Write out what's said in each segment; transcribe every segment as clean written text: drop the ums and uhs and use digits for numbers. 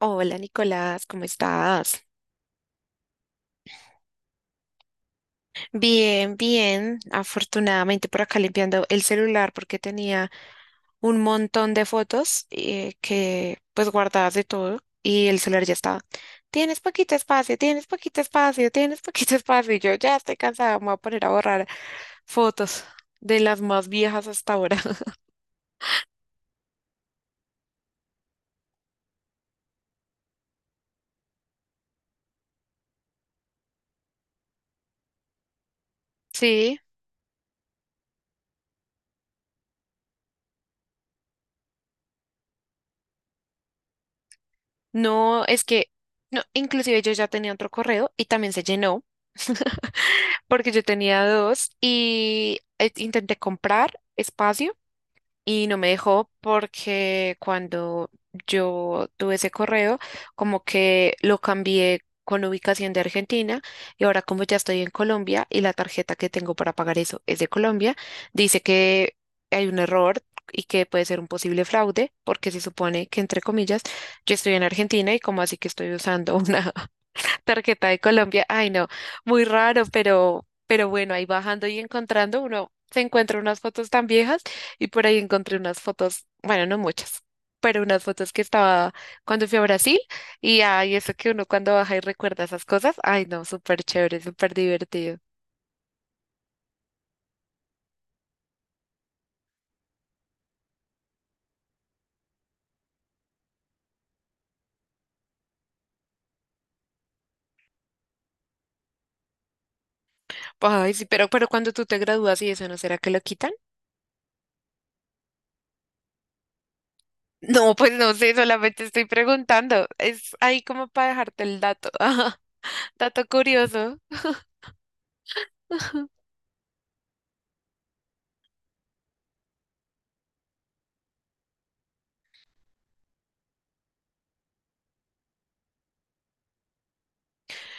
Hola Nicolás, ¿cómo estás? Bien, bien. Afortunadamente por acá limpiando el celular porque tenía un montón de fotos que pues guardadas de todo y el celular ya estaba. Tienes poquito espacio, tienes poquito espacio, tienes poquito espacio y yo ya estoy cansada, me voy a poner a borrar fotos de las más viejas hasta ahora. Sí. No, es que, no, inclusive yo ya tenía otro correo y también se llenó, porque yo tenía dos y intenté comprar espacio y no me dejó porque cuando yo tuve ese correo, como que lo cambié con ubicación de Argentina y ahora como ya estoy en Colombia y la tarjeta que tengo para pagar eso es de Colombia, dice que hay un error y que puede ser un posible fraude porque se supone que entre comillas yo estoy en Argentina y como así que estoy usando una tarjeta de Colombia, ay no, muy raro, pero bueno, ahí bajando y encontrando uno se encuentra unas fotos tan viejas y por ahí encontré unas fotos, bueno, no muchas, pero unas fotos que estaba cuando fui a Brasil y ay, eso que uno cuando baja y recuerda esas cosas, ay no, súper chévere, súper divertido. Ay, sí, pero cuando tú te gradúas y eso, ¿no será que lo quitan? No, pues no sé, solamente estoy preguntando, es ahí como para dejarte el dato, dato curioso.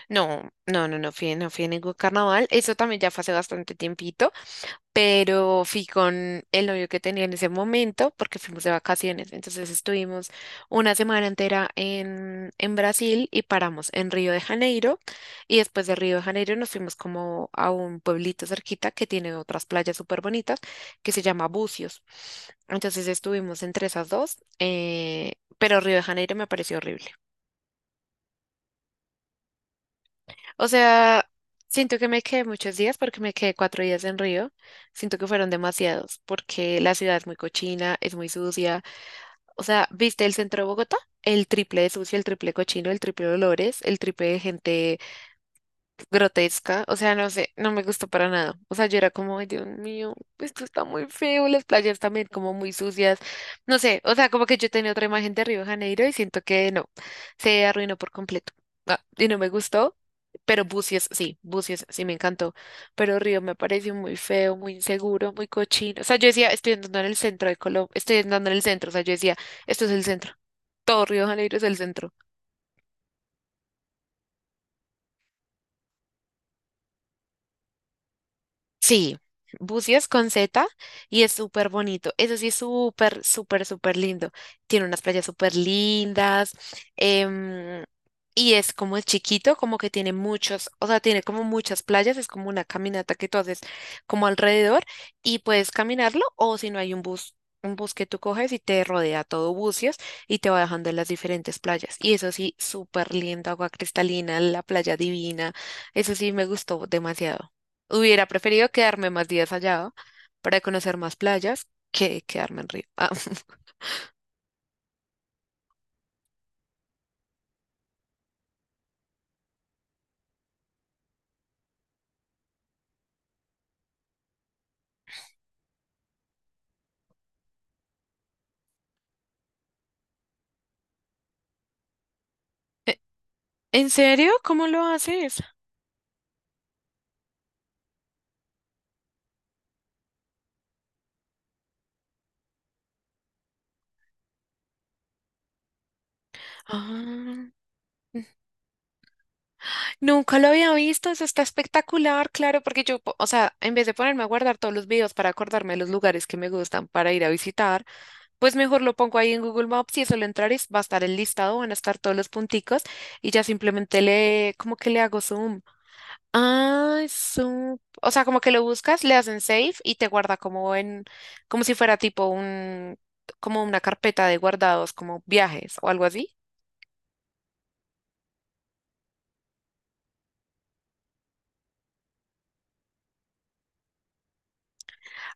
No, no, no, no fui, no fui a ningún carnaval. Eso también ya fue hace bastante tiempito, pero fui con el novio que tenía en ese momento porque fuimos de vacaciones. Entonces estuvimos una semana entera en Brasil y paramos en Río de Janeiro. Y después de Río de Janeiro nos fuimos como a un pueblito cerquita que tiene otras playas súper bonitas que se llama Búzios. Entonces estuvimos entre esas dos, pero Río de Janeiro me pareció horrible. O sea, siento que me quedé muchos días porque me quedé cuatro días en Río. Siento que fueron demasiados porque la ciudad es muy cochina, es muy sucia. O sea, ¿viste el centro de Bogotá? El triple de sucio, el triple de cochino, el triple de olores, el triple de gente grotesca, o sea, no sé, no me gustó para nada. O sea, yo era como, "Ay, Dios mío, esto está muy feo, las playas también como muy sucias, no sé, o sea, como que yo tenía otra imagen de Río de Janeiro y siento que no, se arruinó por completo". Ah, y no me gustó, pero Bucios sí me encantó, pero Río me pareció muy feo, muy inseguro, muy cochino. O sea, yo decía, estoy andando en el centro de Colombia, estoy andando en el centro, o sea, yo decía, esto es el centro. Todo Río de Janeiro es el centro. Sí, bucios con Z y es súper bonito. Eso sí es súper, súper, súper lindo. Tiene unas playas súper lindas. em, y es como es chiquito, como que tiene muchos, o sea, tiene como muchas playas. Es como una caminata que tú haces como alrededor y puedes caminarlo o si no hay un bus. Un bus que tú coges y te rodea todo bucios y te va dejando en las diferentes playas. Y eso sí, súper lindo, agua cristalina, la playa divina. Eso sí me gustó demasiado. Hubiera preferido quedarme más días allá para conocer más playas que quedarme en Río. Ah, ¿e- ¿En serio? ¿Cómo lo haces? Ah, nunca lo había visto, eso está espectacular, claro, porque yo, o sea, en vez de ponerme a guardar todos los videos para acordarme de los lugares que me gustan para ir a visitar, pues mejor lo pongo ahí en Google Maps y eso lo entrar va a estar el listado, van a estar todos los punticos y ya simplemente le, como que le hago zoom. O sea, como que lo buscas, le hacen save y te guarda como en, como si fuera tipo un, como una carpeta de guardados, como viajes o algo así.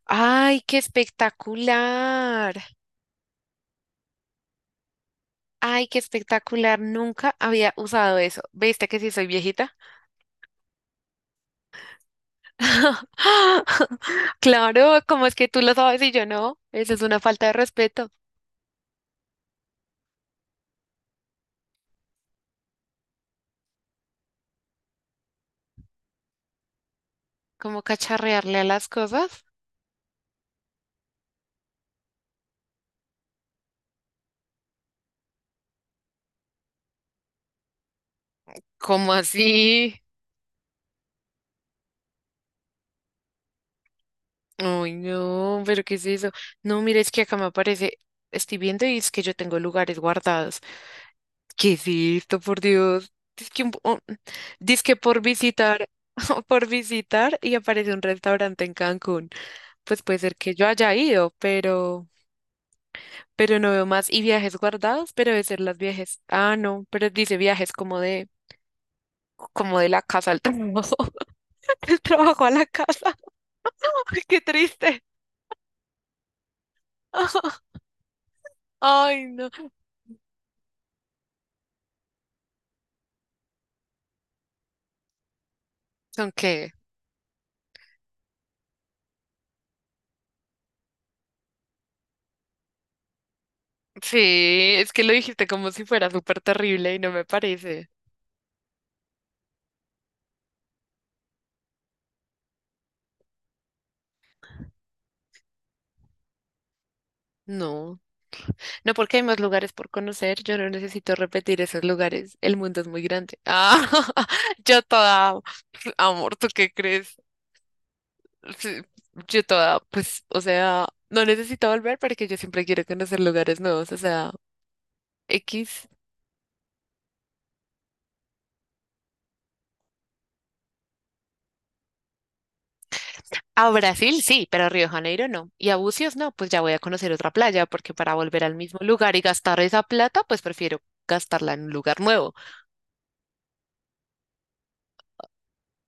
Ay, qué espectacular. Ay, qué espectacular. Nunca había usado eso. ¿Viste que sí soy viejita? Claro, ¿cómo es que tú lo sabes y yo no? Eso es una falta de respeto. ¿Cómo cacharrearle a las cosas? ¿Cómo así? Ay, no, pero ¿qué es eso? No, mira, es que acá me aparece, estoy viendo y es que yo tengo lugares guardados. ¿Qué es esto, por Dios? Es que, un po- oh, dizque por visitar, por visitar y aparece un restaurante en Cancún. Pues puede ser que yo haya ido, pero no veo más. Y viajes guardados, pero debe ser las viajes. Ah, no, pero dice viajes como de la casa al trabajo, del trabajo a la casa. Ay, qué triste. Ay, no. ¿Son qué? Sí, es que lo dijiste como si fuera súper terrible y no me parece. No, no porque hay más lugares por conocer, yo no necesito repetir esos lugares, el mundo es muy grande. Ah, yo toda, amor, ¿tú qué crees? Sí, yo toda, pues, o sea, no necesito volver porque yo siempre quiero conocer lugares nuevos, o sea, X. A Brasil sí, pero a Río de Janeiro no. Y a Bucios no, pues ya voy a conocer otra playa, porque para volver al mismo lugar y gastar esa plata, pues prefiero gastarla en un lugar nuevo.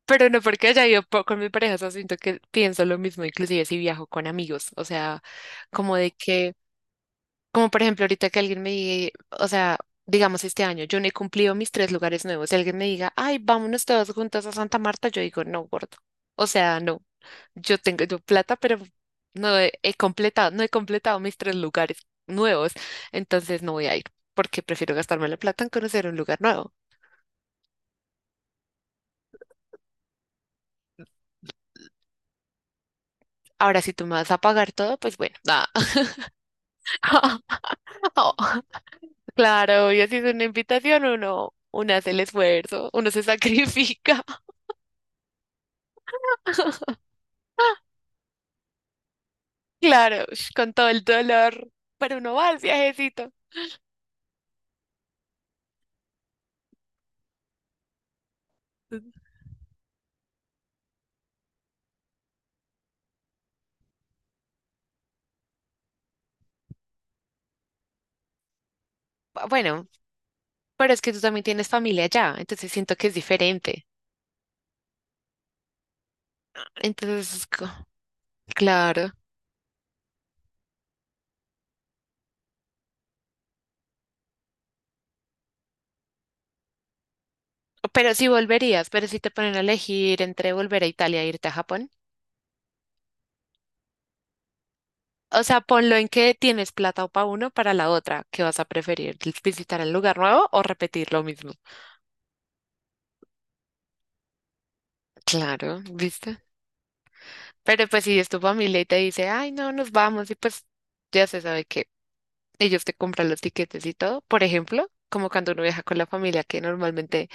Pero no porque haya ido con mi pareja, o sea, siento que pienso lo mismo, inclusive si viajo con amigos, o sea, como de que, como por ejemplo ahorita que alguien me diga, o sea, digamos este año, yo no he cumplido mis tres lugares nuevos, si alguien me diga, ay, vámonos todos juntos a Santa Marta, yo digo, no, gordo, o sea, no, yo tengo yo plata, pero he completado, no he completado mis tres lugares nuevos, entonces no voy a ir, porque prefiero gastarme la plata en conocer un lugar nuevo. Ahora, si tú me vas a pagar todo, pues bueno, nada. Claro, y así es una invitación, uno, uno hace el esfuerzo, uno se sacrifica. Claro, ush, con todo el dolor, pero uno va al viajecito. Bu- Bueno, pero es que tú también tienes familia allá, entonces siento que es diferente. Entonces, es co- Claro. Pero si volverías, pero si te ponen a elegir entre volver a Italia e irte a Japón. O sea, ponlo en que tienes plata o para uno, para la otra. ¿Qué vas a preferir? ¿Visitar el lugar nuevo o repetir lo mismo? Claro, ¿viste? Pero pues si es tu familia y te dice, ay, no, nos vamos, y pues ya se sabe que ellos te compran los tiquetes y todo, por ejemplo, como cuando uno viaja con la familia, que normalmente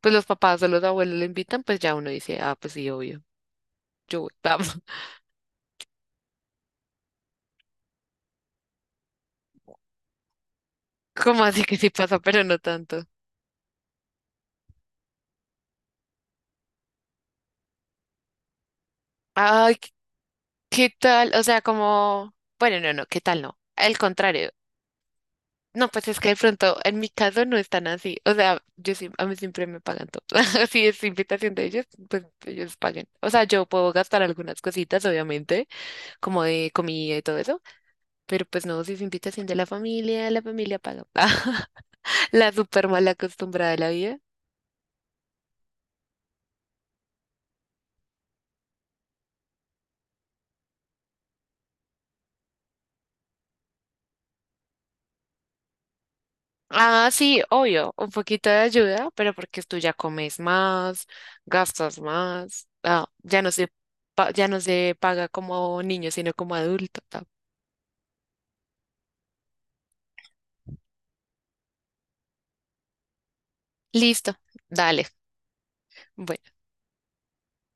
pues los papás o los abuelos le invitan, pues ya uno dice, ah, pues sí, obvio, yo voy, vamos. ¿Como así que sí pasa, pero no tanto? Ay, ¿qué qué tal? O sea, como, bueno, no, no, ¿qué tal no? Al contrario, no, pues es que de pronto, en mi caso no están así. O sea, yo sí, a mí siempre me pagan todo. Si es invitación de ellos, pues ellos paguen. O sea, yo puedo gastar algunas cositas, obviamente, como de comida y todo eso, pero pues no, si es invitación de la familia paga. La súper mal acostumbrada de la vida. Ah, sí, obvio, un poquito de ayuda, pero porque tú ya comes más, gastas más. Ya no se paga como niño, sino como adulto. Ah. Listo, dale. Bueno,